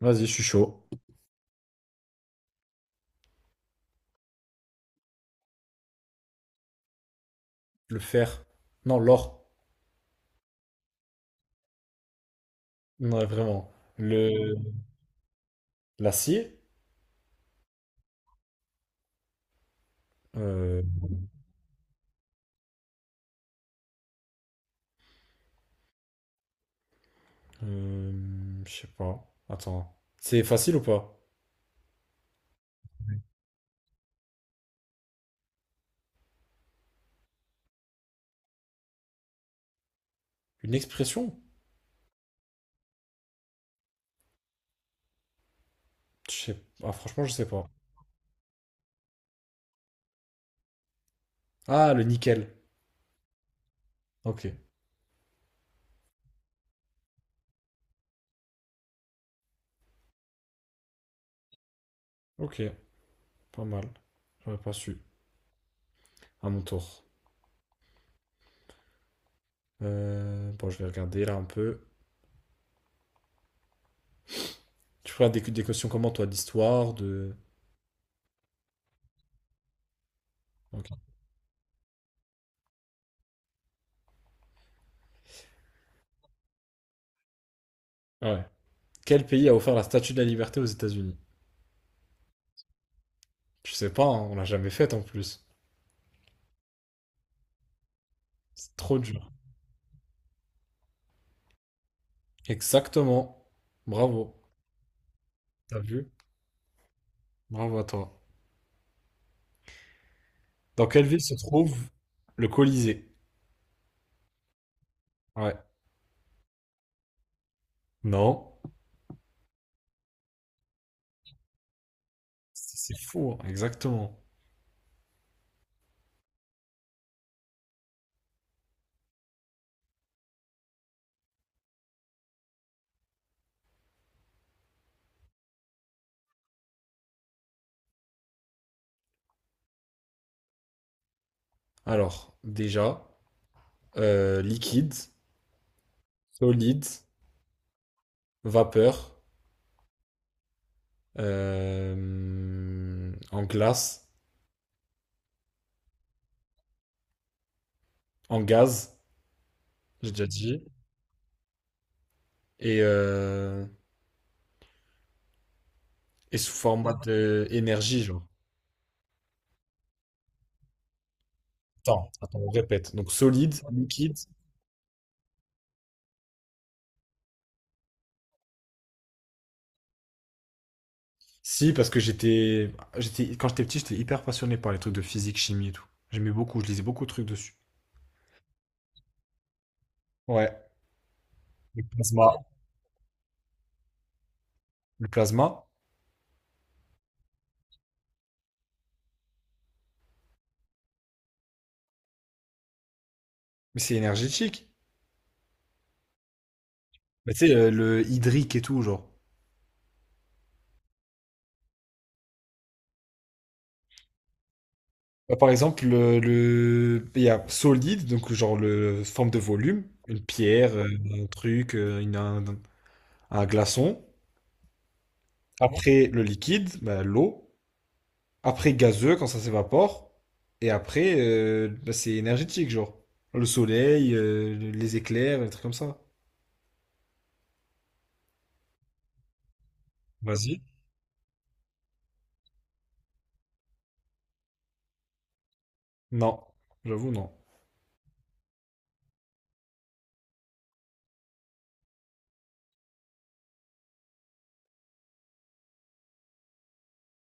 Vas-y, je suis chaud. Le fer. Non, l'or. Non, vraiment. Le... L'acier. Euh... Je sais pas. Attends. C'est facile ou pas? Une expression? Ah, franchement, je sais pas. Ah, le nickel. Ok. Ok. Pas mal. J'aurais pas su. À mon tour. Bon, je vais regarder là un peu. Tu feras des questions comment, toi, d'histoire, de... Ok. Ah, ouais. Quel pays a offert la Statue de la Liberté aux États-Unis? Je sais pas, hein, on l'a jamais faite en plus. C'est trop dur. Exactement. Bravo. T'as vu? Bravo à toi. Dans quelle ville se trouve le Colisée? Ouais. Non. C'est fou, hein. Exactement. Alors, déjà, liquide, solide, vapeur, en glace, en gaz, j'ai déjà dit, et, euh, et sous format d'énergie, genre. Attends, attends, on répète. Donc solide, liquide. Si, parce que j'étais, quand j'étais petit, j'étais hyper passionné par les trucs de physique, chimie et tout. J'aimais beaucoup, je lisais beaucoup de trucs dessus. Ouais. Le plasma. Le plasma, mais c'est énergétique. Bah, tu sais, le hydrique et tout, genre. Bah, par exemple, il y a solide, donc genre le forme de volume, une pierre, un truc, un glaçon. Après, le liquide, bah, l'eau. Après gazeux quand ça s'évapore. Et après, bah, c'est énergétique, genre. Le soleil, les éclairs, des trucs comme ça. Vas-y. Non, j'avoue, non.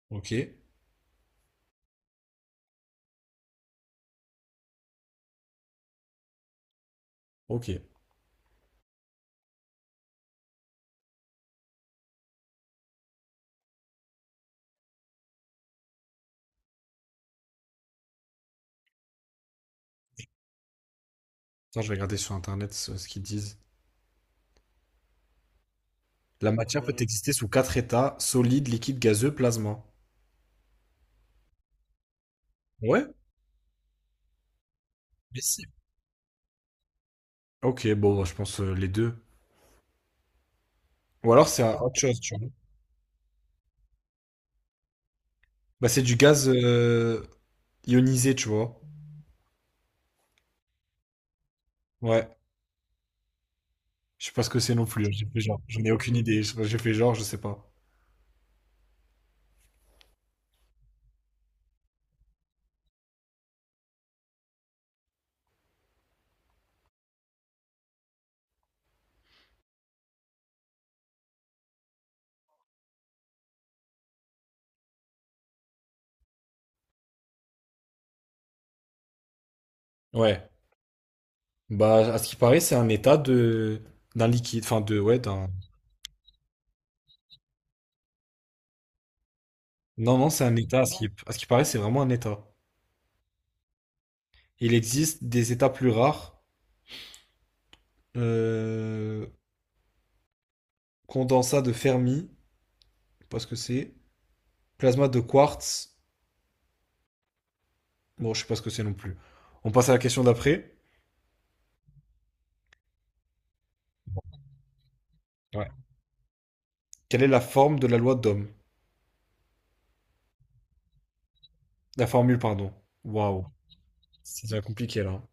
Ok, ok. Attends, je vais regarder sur Internet ce qu'ils disent. La matière peut exister sous quatre états, solide, liquide, gazeux, plasma. Ouais, mais si. Ok, bon, bah, je pense les deux. Ou alors autre chose, tu vois. Bah, c'est du gaz ionisé, tu vois. Ouais, je sais pas ce que c'est non plus, hein. J'ai fait genre, j'en ai aucune idée. J'ai fait genre, je sais pas. Ouais, bah, à ce qui paraît, c'est un état de d'un liquide, enfin de ouais, d'un. Non, non, c'est un état. À ce qui paraît, c'est vraiment un état. Il existe des états plus rares. Euh... Condensat de Fermi, je sais pas ce que c'est. Plasma de quartz, bon, je sais pas ce que c'est non plus. On passe à la question d'après. Ouais. Quelle est la forme de la loi d'Ohm? La formule, pardon. Waouh, c'est déjà compliqué là.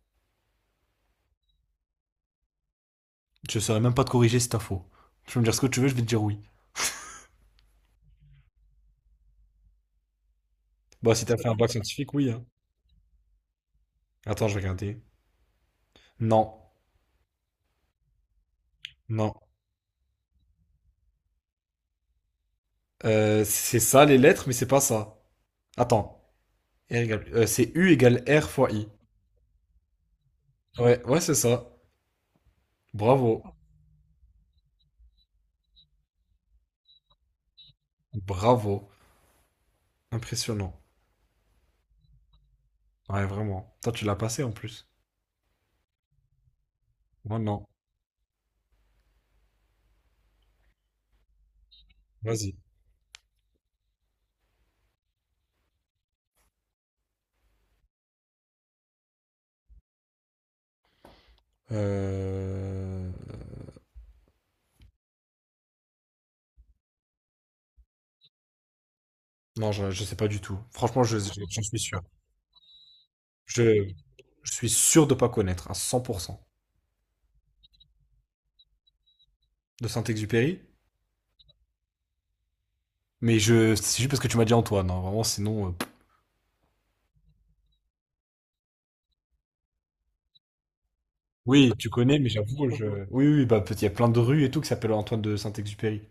Je saurais même pas te corriger si t'as faux. Tu peux me dire ce que tu veux, je vais te dire oui. Bah, si t'as fait un bac scientifique, oui, hein. Attends, je vais regarder. Non, non. C'est ça les lettres, mais c'est pas ça. Attends. C'est U égale R fois I. Ouais, ouais, c'est ça. Bravo. Bravo. Impressionnant. Ouais, vraiment. Toi, tu l'as passé en plus. Moi, non. Vas-y. Euh... Non, je sais pas du tout. Franchement, j'en suis sûr. Je, je suis sûr de pas connaître à 100% de Saint-Exupéry. Mais c'est juste parce que tu m'as dit Antoine, hein. Vraiment, sinon. Pff. Oui, tu connais, mais j'avoue, je. Oui, oui, bah, il y a plein de rues et tout qui s'appellent Antoine de Saint-Exupéry.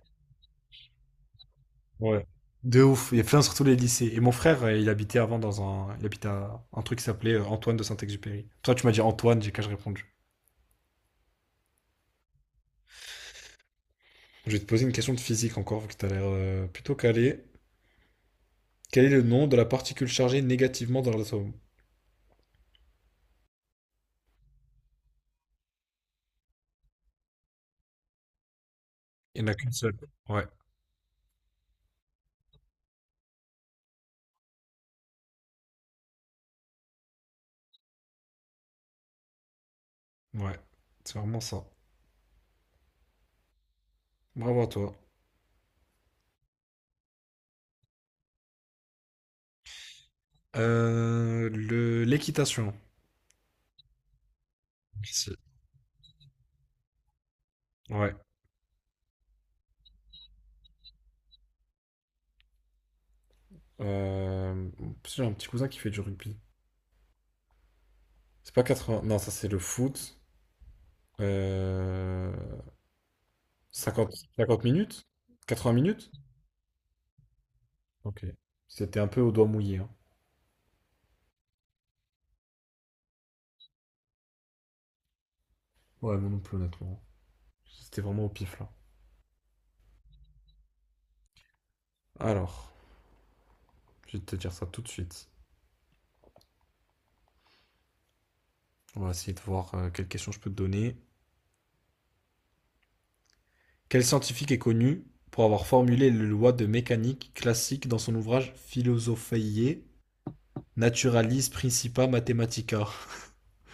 Ouais. De ouf, il y a plein surtout les lycées. Et mon frère, il habitait avant il habitait à un truc qui s'appelait Antoine de Saint-Exupéry. Toi, tu m'as dit Antoine, j'ai qu'à je répondu. Je vais te poser une question de physique encore, vu que t'as l'air plutôt calé. Quel est le nom de la particule chargée négativement dans l'atome? Il n'y en a qu'une seule. Ouais, ouais, c'est vraiment ça. Bravo à toi. L'équitation. Merci. Ouais. En plus, j'ai un petit cousin qui fait du rugby. C'est pas 80. Non, ça c'est le foot. Euh, cinquante minutes? Quatre-vingts minutes? Ok. C'était un peu au doigt mouillé, hein. Ouais, moi non plus, honnêtement. C'était vraiment au pif là. Alors, je vais te dire ça tout de suite. On va essayer de voir quelle question je peux te donner. Quel scientifique est connu pour avoir formulé les lois de mécanique classique dans son ouvrage Philosophiae Naturalis Principia Mathematica,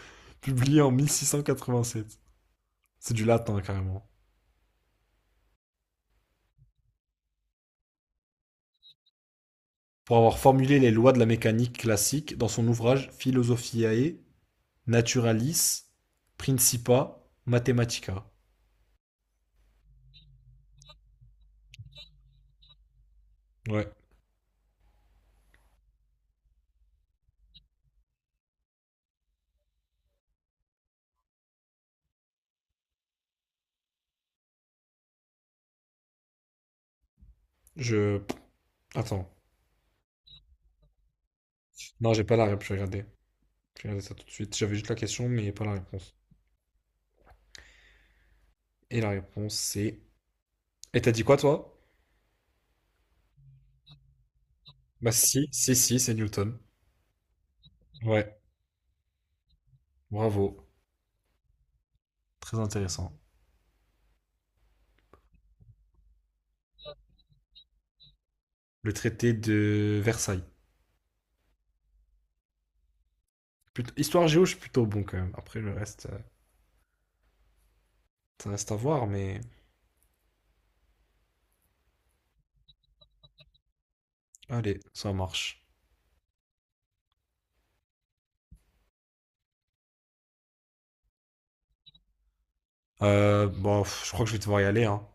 publié en 1687. C'est du latin carrément. Pour avoir formulé les lois de la mécanique classique dans son ouvrage Philosophiae Naturalis, Principa, Mathematica. Ouais, je. Attends. Non, j'ai pas la réponse. Je vais regarder. Je vais regarder ça tout de suite. J'avais juste la question, mais pas la réponse. Et la réponse, c'est. Et t'as dit quoi, toi? Bah, si, si, si, c'est Newton. Ouais, bravo. Très intéressant. Le traité de Versailles. Histoire géo, je suis plutôt bon quand même. Après, le reste, ça reste à voir, mais allez, ça marche. Bon, je crois que je vais devoir y aller, hein.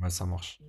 Ouais, ça marche.